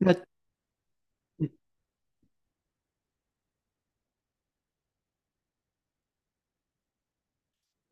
那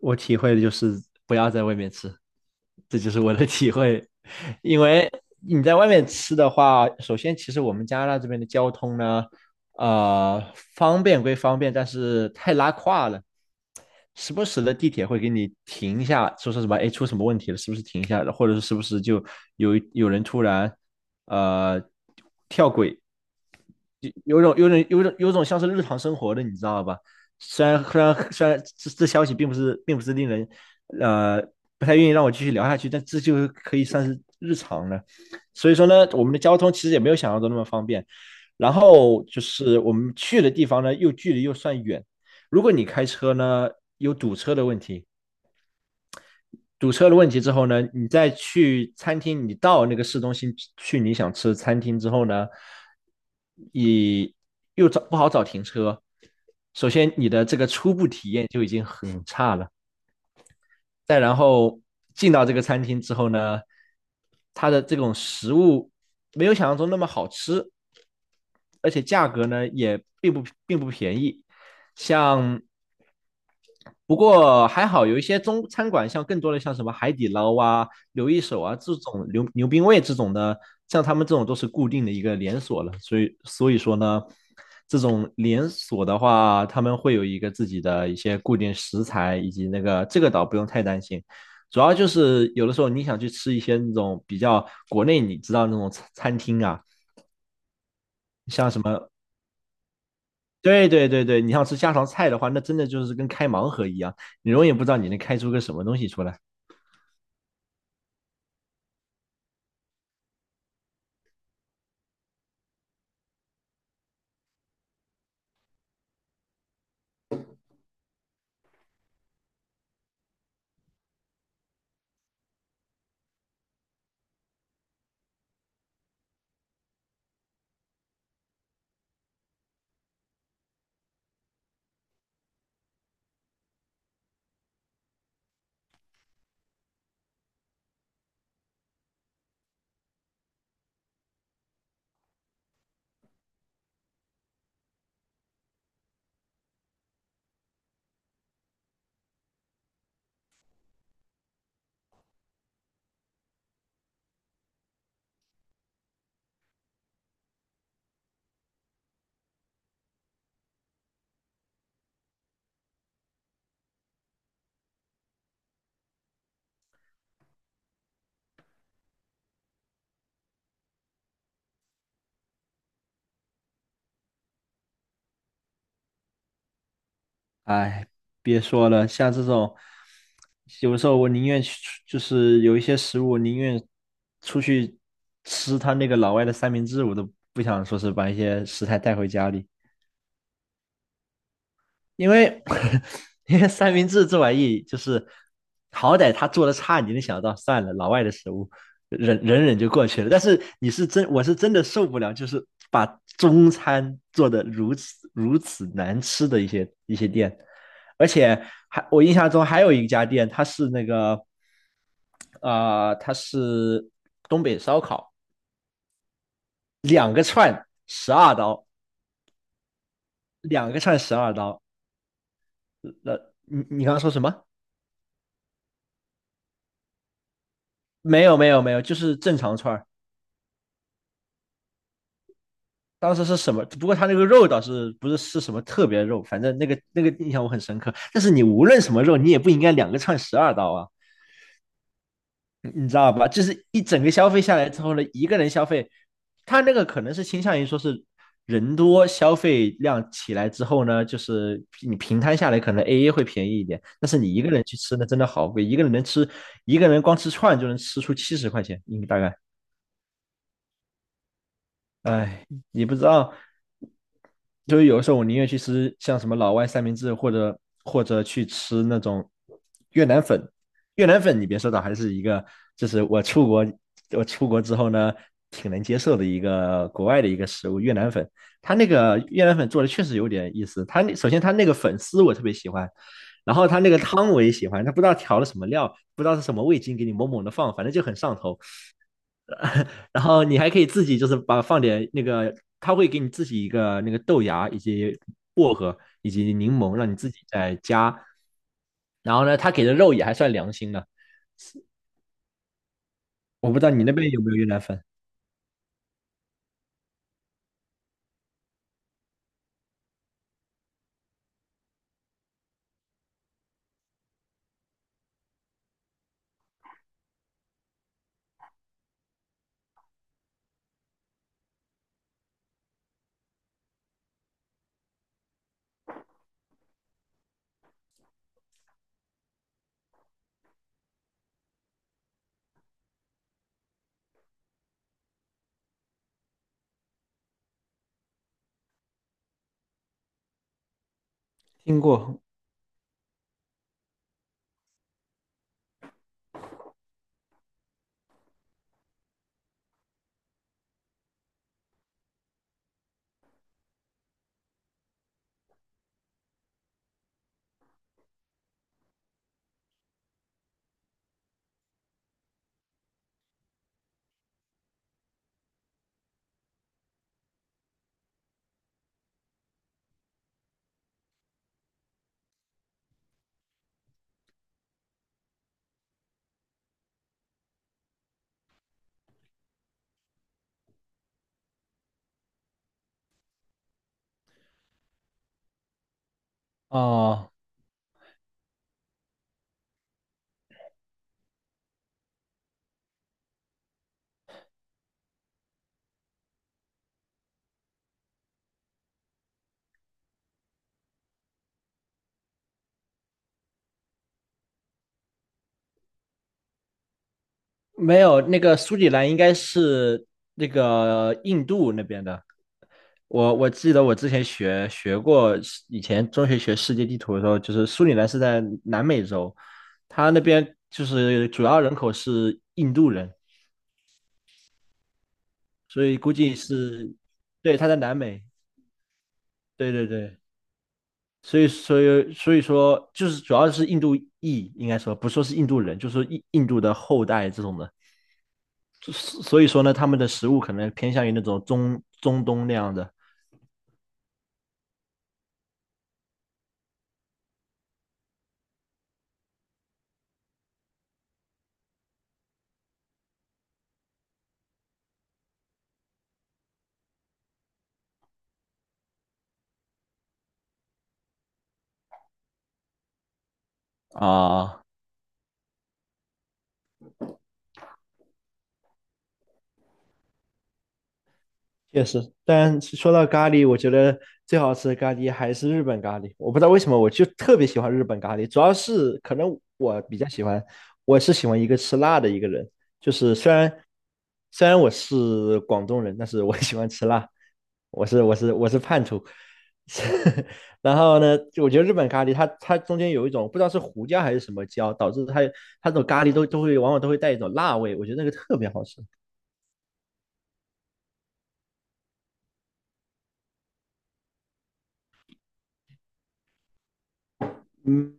我体会的就是不要在外面吃，这就是我的体会。因为你在外面吃的话，首先其实我们加拿大这边的交通呢，呃，方便归方便，但是太拉胯了。时不时的地铁会给你停一下，说什么，哎，出什么问题了，是不是停一下了，或者是是不是就有人突然呃跳轨，有种像是日常生活的，你知道吧？虽然这消息并不是令人呃不太愿意让我继续聊下去，但这就是可以算是日常了。所以说呢，我们的交通其实也没有想象中那么方便。然后就是我们去的地方呢，又距离又算远。如果你开车呢，有堵车的问题；堵车的问题之后呢，你再去餐厅，你到那个市中心去你想吃的餐厅之后呢，你又找不好找停车。首先，你的这个初步体验就已经很差了。再然后进到这个餐厅之后呢，它的这种食物没有想象中那么好吃，而且价格呢也并不便宜。像不过还好，有一些中餐馆，像更多的像什么海底捞啊、刘一手啊这种牛冰味这种的，像他们这种都是固定的一个连锁了，所以说呢，这种连锁的话，他们会有一个自己的一些固定食材，以及那个这个倒不用太担心，主要就是有的时候你想去吃一些那种比较国内你知道那种餐厅啊，像什么。对对对对，你要吃家常菜的话，那真的就是跟开盲盒一样，你永远不知道你能开出个什么东西出来。哎，别说了，像这种，有的时候我宁愿去出就是有一些食物，我宁愿出去吃他那个老外的三明治，我都不想说是把一些食材带回家里。因为 因为三明治这玩意就是，好歹他做的差，你能想到，算了，老外的食物，忍就过去了。但是你是真，我是真的受不了，就是把中餐做的如此难吃的一些店，而且还我印象中还有一家店，它是那个它是东北烧烤，两个串十二刀，两个串十二刀。那你刚刚说什么？没有，就是正常串儿。当时是什么？不过他那个肉倒是不是是什么特别肉，反正那个印象我很深刻。但是你无论什么肉，你也不应该两个串十二刀啊，你知道吧？就是一整个消费下来之后呢，一个人消费，他那个可能是倾向于说是人多消费量起来之后呢，就是你平摊下来可能 AA 会便宜一点，但是你一个人去吃呢，真的好贵，一个人能吃一个人光吃串就能吃出七十块钱，应该大概。哎，你不知道，就是有时候我宁愿去吃像什么老外三明治，或者或者去吃那种越南粉。越南粉，你别说的，还是一个，就是我出国，我出国之后呢，挺能接受的一个国外的一个食物。越南粉，它那个越南粉做的确实有点意思。它那首先它那个粉丝我特别喜欢，然后它那个汤我也喜欢，它不知道调了什么料，不知道是什么味精给你猛猛的放，反正就很上头。然后你还可以自己就是把放点那个，他会给你自己一个那个豆芽以及薄荷以及柠檬，让你自己再加。然后呢，他给的肉也还算良心的。我不知道你那边有没有越南粉？听过哦，没有，那个苏里兰应该是那个印度那边的。我记得我之前学过，以前中学学世界地图的时候，就是苏里兰是在南美洲，他那边就是主要人口是印度人，所以估计是，对，他在南美，对对对，所以说就是主要是印度裔，应该说不说是印度人，就是说印度的后代这种的，所所以说呢，他们的食物可能偏向于那种中东那样的啊、确实，但是说到咖喱，我觉得最好吃的咖喱还是日本咖喱。我不知道为什么，我就特别喜欢日本咖喱，主要是可能我比较喜欢，我是喜欢一个吃辣的一个人。就是虽然我是广东人，但是我 喜欢吃辣，我是叛徒。然后呢，就我觉得日本咖喱它中间有一种不知道是胡椒还是什么椒，导致它这种咖喱都会往往都会带一种辣味，我觉得那个特别好吃。嗯，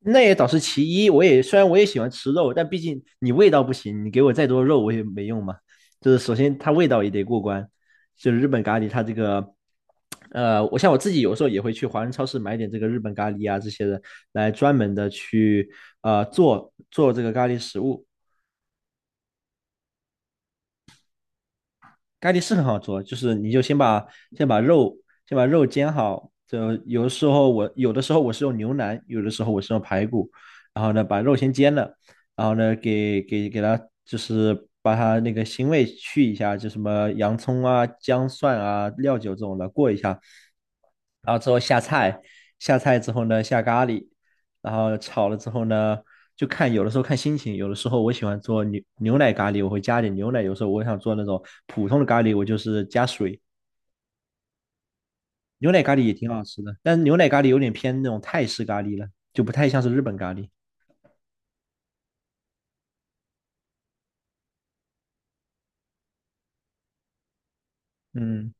那也倒是其一。我也虽然我也喜欢吃肉，但毕竟你味道不行，你给我再多肉我也没用嘛。就是首先它味道也得过关，就是日本咖喱它这个，我像我自己有时候也会去华人超市买点这个日本咖喱啊这些的，来专门的去做这个咖喱食物。咖喱是很好做，就是你就先把肉煎好，就有的时候我是用牛腩，有的时候我是用排骨，然后呢把肉先煎了，然后呢给它就是把它那个腥味去一下，就什么洋葱啊、姜蒜啊、料酒这种的过一下，然后之后下菜，下菜之后呢下咖喱，然后炒了之后呢，就看有的时候看心情，有的时候我喜欢做牛奶咖喱，我会加点牛奶；有时候我想做那种普通的咖喱，我就是加水。牛奶咖喱也挺好吃的，但是牛奶咖喱有点偏那种泰式咖喱了，就不太像是日本咖喱。嗯，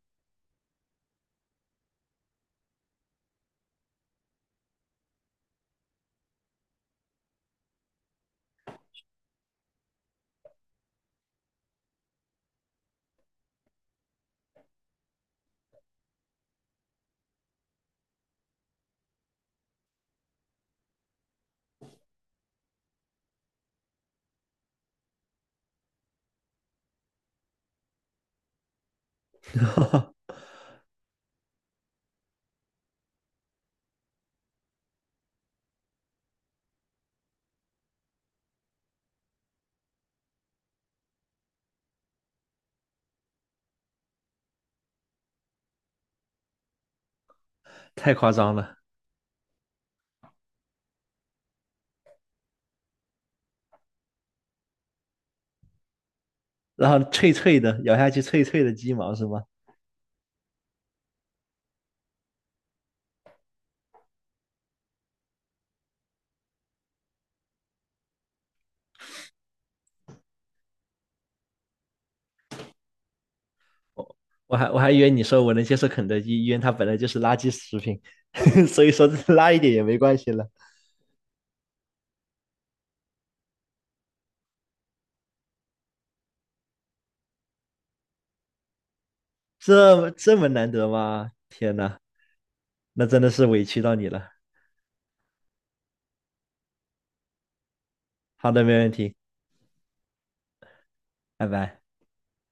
太夸张了。然后脆脆的，咬下去脆脆的鸡毛是吗？我我还以为你说我能接受肯德基，因为它本来就是垃圾食品，所以说拉一点也没关系了。这这么难得吗？天呐，那真的是委屈到你了。好的，没问题，拜拜。